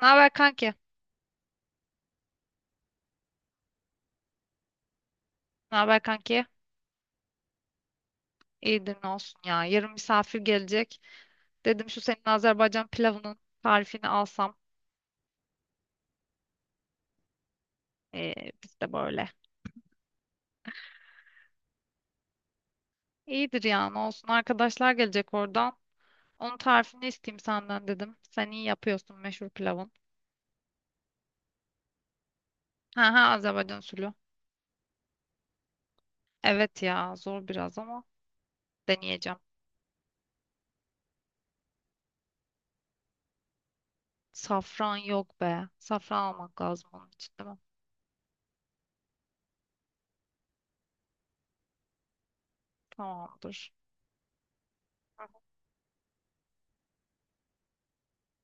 Ne haber kanki? Ne haber kanki? İyidir ne olsun ya. Yarın misafir gelecek. Dedim şu senin Azerbaycan pilavının tarifini alsam. Ee, Biz de böyle. İyidir ya ne olsun. Arkadaşlar gelecek oradan. Onun tarifini isteyeyim senden dedim. Sen iyi yapıyorsun meşhur pilavın. Ha ha, Azerbaycan usulü. Evet ya, zor biraz ama deneyeceğim. Safran yok be. Safran almak lazım onun için, değil mi? Tamamdır. Hı hı.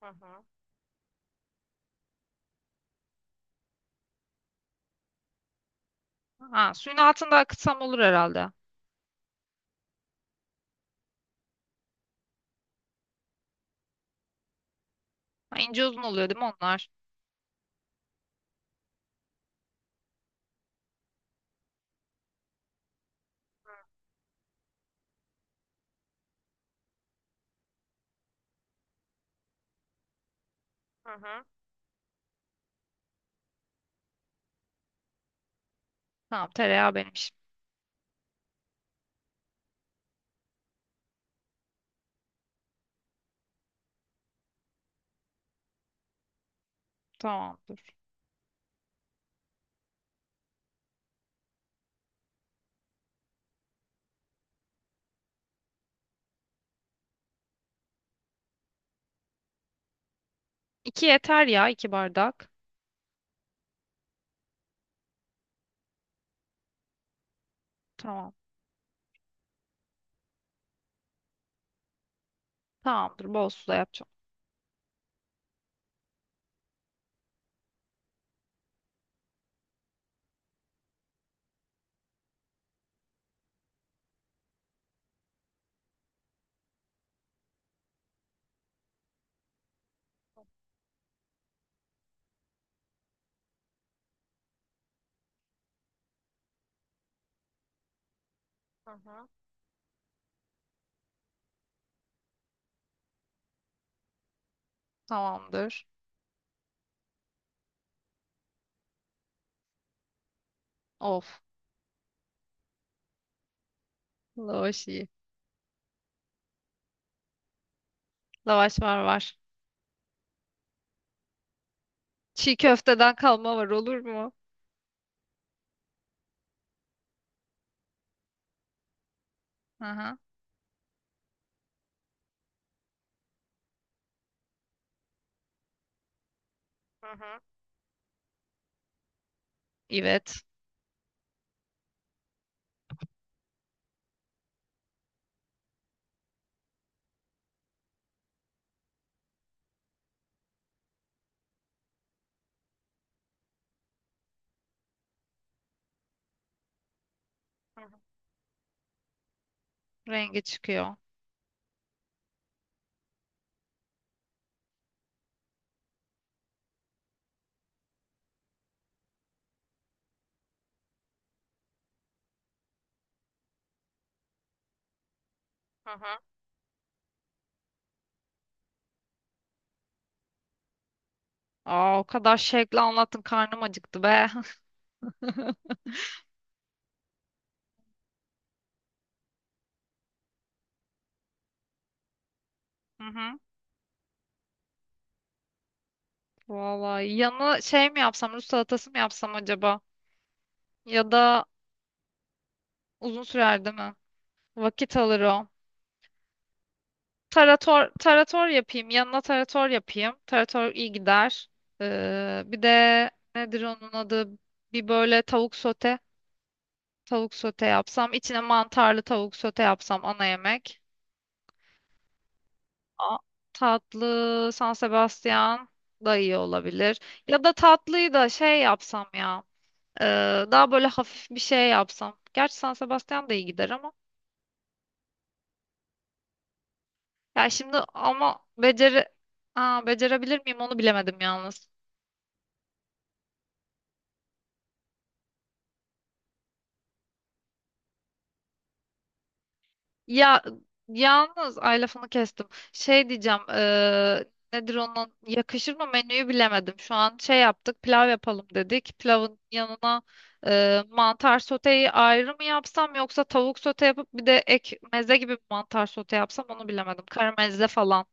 Hı hı. Ha, suyun altında akıtsam olur herhalde. Ha, ince uzun oluyor değil mi onlar? Hı hı. Tamam, tereyağı benim işim. Tamamdır. İki yeter ya, iki bardak. Tamam. Tamamdır. Bol suda yapacağım. Hı. Tamamdır. Of. Lavaş iyi. Lavaş var var. Çiğ köfteden kalma var, olur mu? Hı hı. Hı hı. Evet. Hı hı. Rengi çıkıyor. Hı hı. Aa, o kadar şevkle anlattın karnım acıktı be. Hı hı. Vallahi yanı şey mi yapsam, Rus salatası mı yapsam acaba? Ya da uzun sürer değil mi? Vakit alır o. Tarator, tarator yapayım. Yanına tarator yapayım. Tarator iyi gider. Bir de nedir onun adı? Bir böyle tavuk sote. Tavuk sote yapsam. İçine mantarlı tavuk sote yapsam, ana yemek. A- Tatlı San Sebastian da iyi olabilir. Ya da tatlıyı da şey yapsam ya. Daha böyle hafif bir şey yapsam. Gerçi San Sebastian da iyi gider ama. Ya şimdi ama beceri... Aa, becerebilir miyim onu bilemedim yalnız. Ya yalnız ay, lafını kestim. Şey diyeceğim nedir onun, yakışır mı, menüyü bilemedim. Şu an şey yaptık, pilav yapalım dedik. Pilavın yanına mantar soteyi ayrı mı yapsam, yoksa tavuk sote yapıp bir de ek meze gibi bir mantar sote yapsam onu bilemedim. Karamelize falan.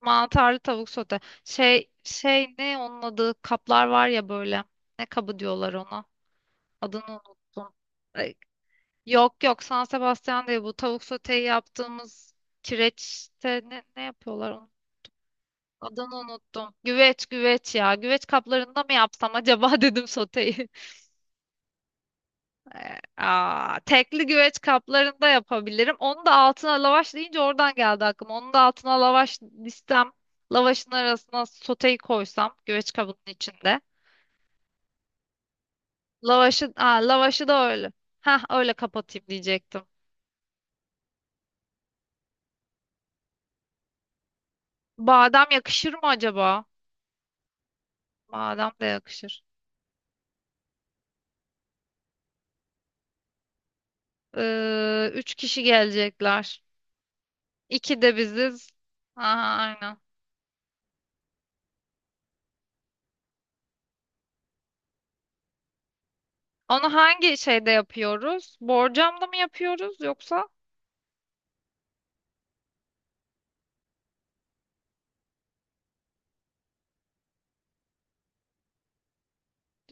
Mantarlı tavuk sote. Şey şey, ne onun adı, kaplar var ya böyle. Ne kabı diyorlar ona. Adını unuttum. Yok yok, San Sebastian değil, bu tavuk soteyi yaptığımız kireçte ne, ne yapıyorlar onu? Adını unuttum. Güveç güveç ya. Güveç kaplarında mı yapsam acaba dedim soteyi. Aa, tekli güveç kaplarında yapabilirim. Onu da altına lavaş deyince oradan geldi aklıma. Onu da altına lavaş listem. Lavaşın arasına soteyi koysam güveç kabının içinde. Lavaşı, aa, lavaşı da öyle. Heh, öyle kapatayım diyecektim. Badem yakışır mı acaba? Badem de yakışır. Üç kişi gelecekler. İki de biziz. Aha, aynen. Onu hangi şeyde yapıyoruz? Borcamda mı yapıyoruz yoksa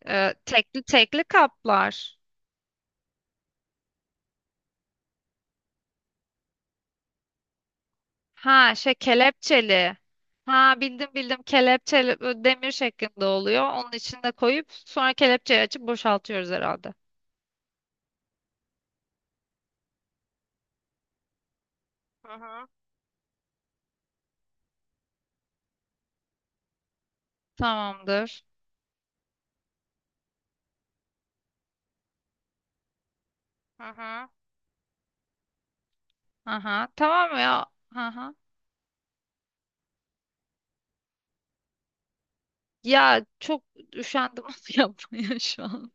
tekli tekli kaplar? Ha şey, kelepçeli. Ha bildim bildim, kelepçeli, böyle demir şeklinde oluyor. Onun içinde koyup sonra kelepçeyi açıp boşaltıyoruz herhalde. Hı hı. Tamamdır. Hı hı. Aha, tamam ya. Aha. Ya çok üşendim onu yapmaya şu an.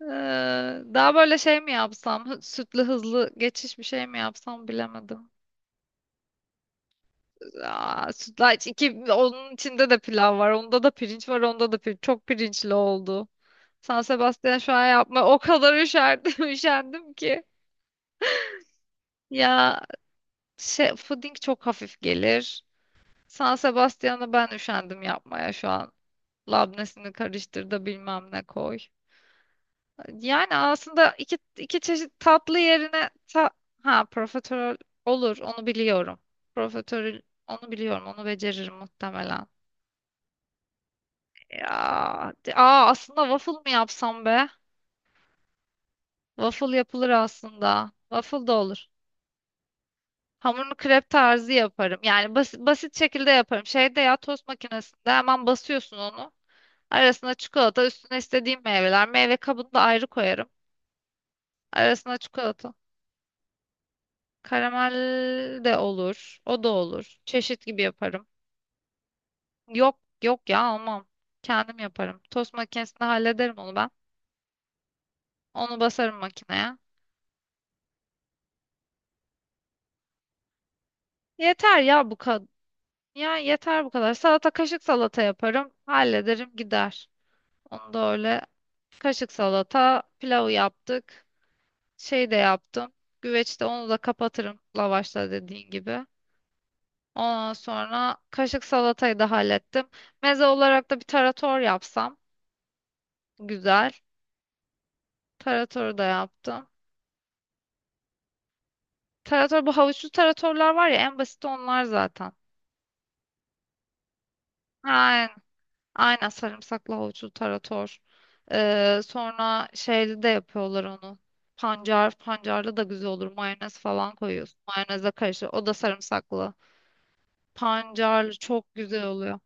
Daha böyle şey mi yapsam? Sütlü hızlı geçiş bir şey mi yapsam bilemedim. Aa, sütlaç, iki onun içinde de pilav var. Onda da pirinç var. Onda da pirinç. Çok pirinçli oldu. San Sebastian şu an yapma. O kadar üşerdim, üşendim ki. Ya şey, puding çok hafif gelir. San Sebastian'ı ben üşendim yapmaya şu an. Labnesini karıştır da bilmem ne koy. Yani aslında iki, iki çeşit tatlı yerine ha, profiterol olur, onu biliyorum. Profiterol, onu biliyorum, onu beceririm muhtemelen. Ya, aa, aslında waffle mı yapsam be? Waffle yapılır aslında. Waffle da olur. Hamurunu krep tarzı yaparım. Yani basit şekilde yaparım. Şeyde ya, tost makinesinde hemen basıyorsun onu. Arasına çikolata, üstüne istediğim meyveler. Meyve kabını da ayrı koyarım. Arasına çikolata. Karamel de olur. O da olur. Çeşit gibi yaparım. Yok yok ya, almam. Kendim yaparım. Tost makinesinde hallederim onu ben. Onu basarım makineye. Yeter ya bu kadar. Ya yeter bu kadar. Salata, kaşık salata yaparım. Hallederim gider. Onu da öyle, kaşık salata, pilavı yaptık. Şey de yaptım. Güveçte onu da kapatırım lavaşla, dediğin gibi. Ondan sonra kaşık salatayı da hallettim. Meze olarak da bir tarator yapsam. Güzel. Tarator da yaptım. Tarator, bu havuçlu taratorlar var ya, en basit onlar zaten. Aynen. Aynen, sarımsaklı havuçlu tarator. Sonra şeyli de yapıyorlar onu. Pancar, pancarlı da güzel olur. Mayonez falan koyuyorsun. Mayonezle karışır. O da sarımsaklı. Pancarlı çok güzel oluyor.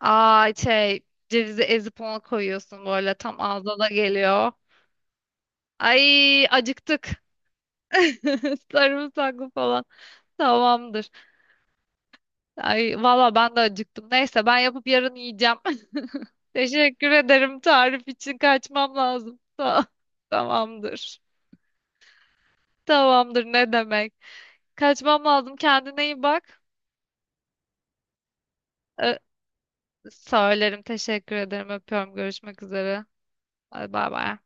Ay şey, cevizi ezip ona koyuyorsun, böyle tam ağza da geliyor. Ay acıktık. Sarımsaklı falan. Tamamdır. Ay valla ben de acıktım. Neyse ben yapıp yarın yiyeceğim. Teşekkür ederim tarif için, kaçmam lazım. Tamamdır. Tamamdır ne demek. Kaçmam lazım. Kendine iyi bak. Ee, Söylerim. Teşekkür ederim. Öpüyorum. Görüşmek üzere. Hadi bay bay.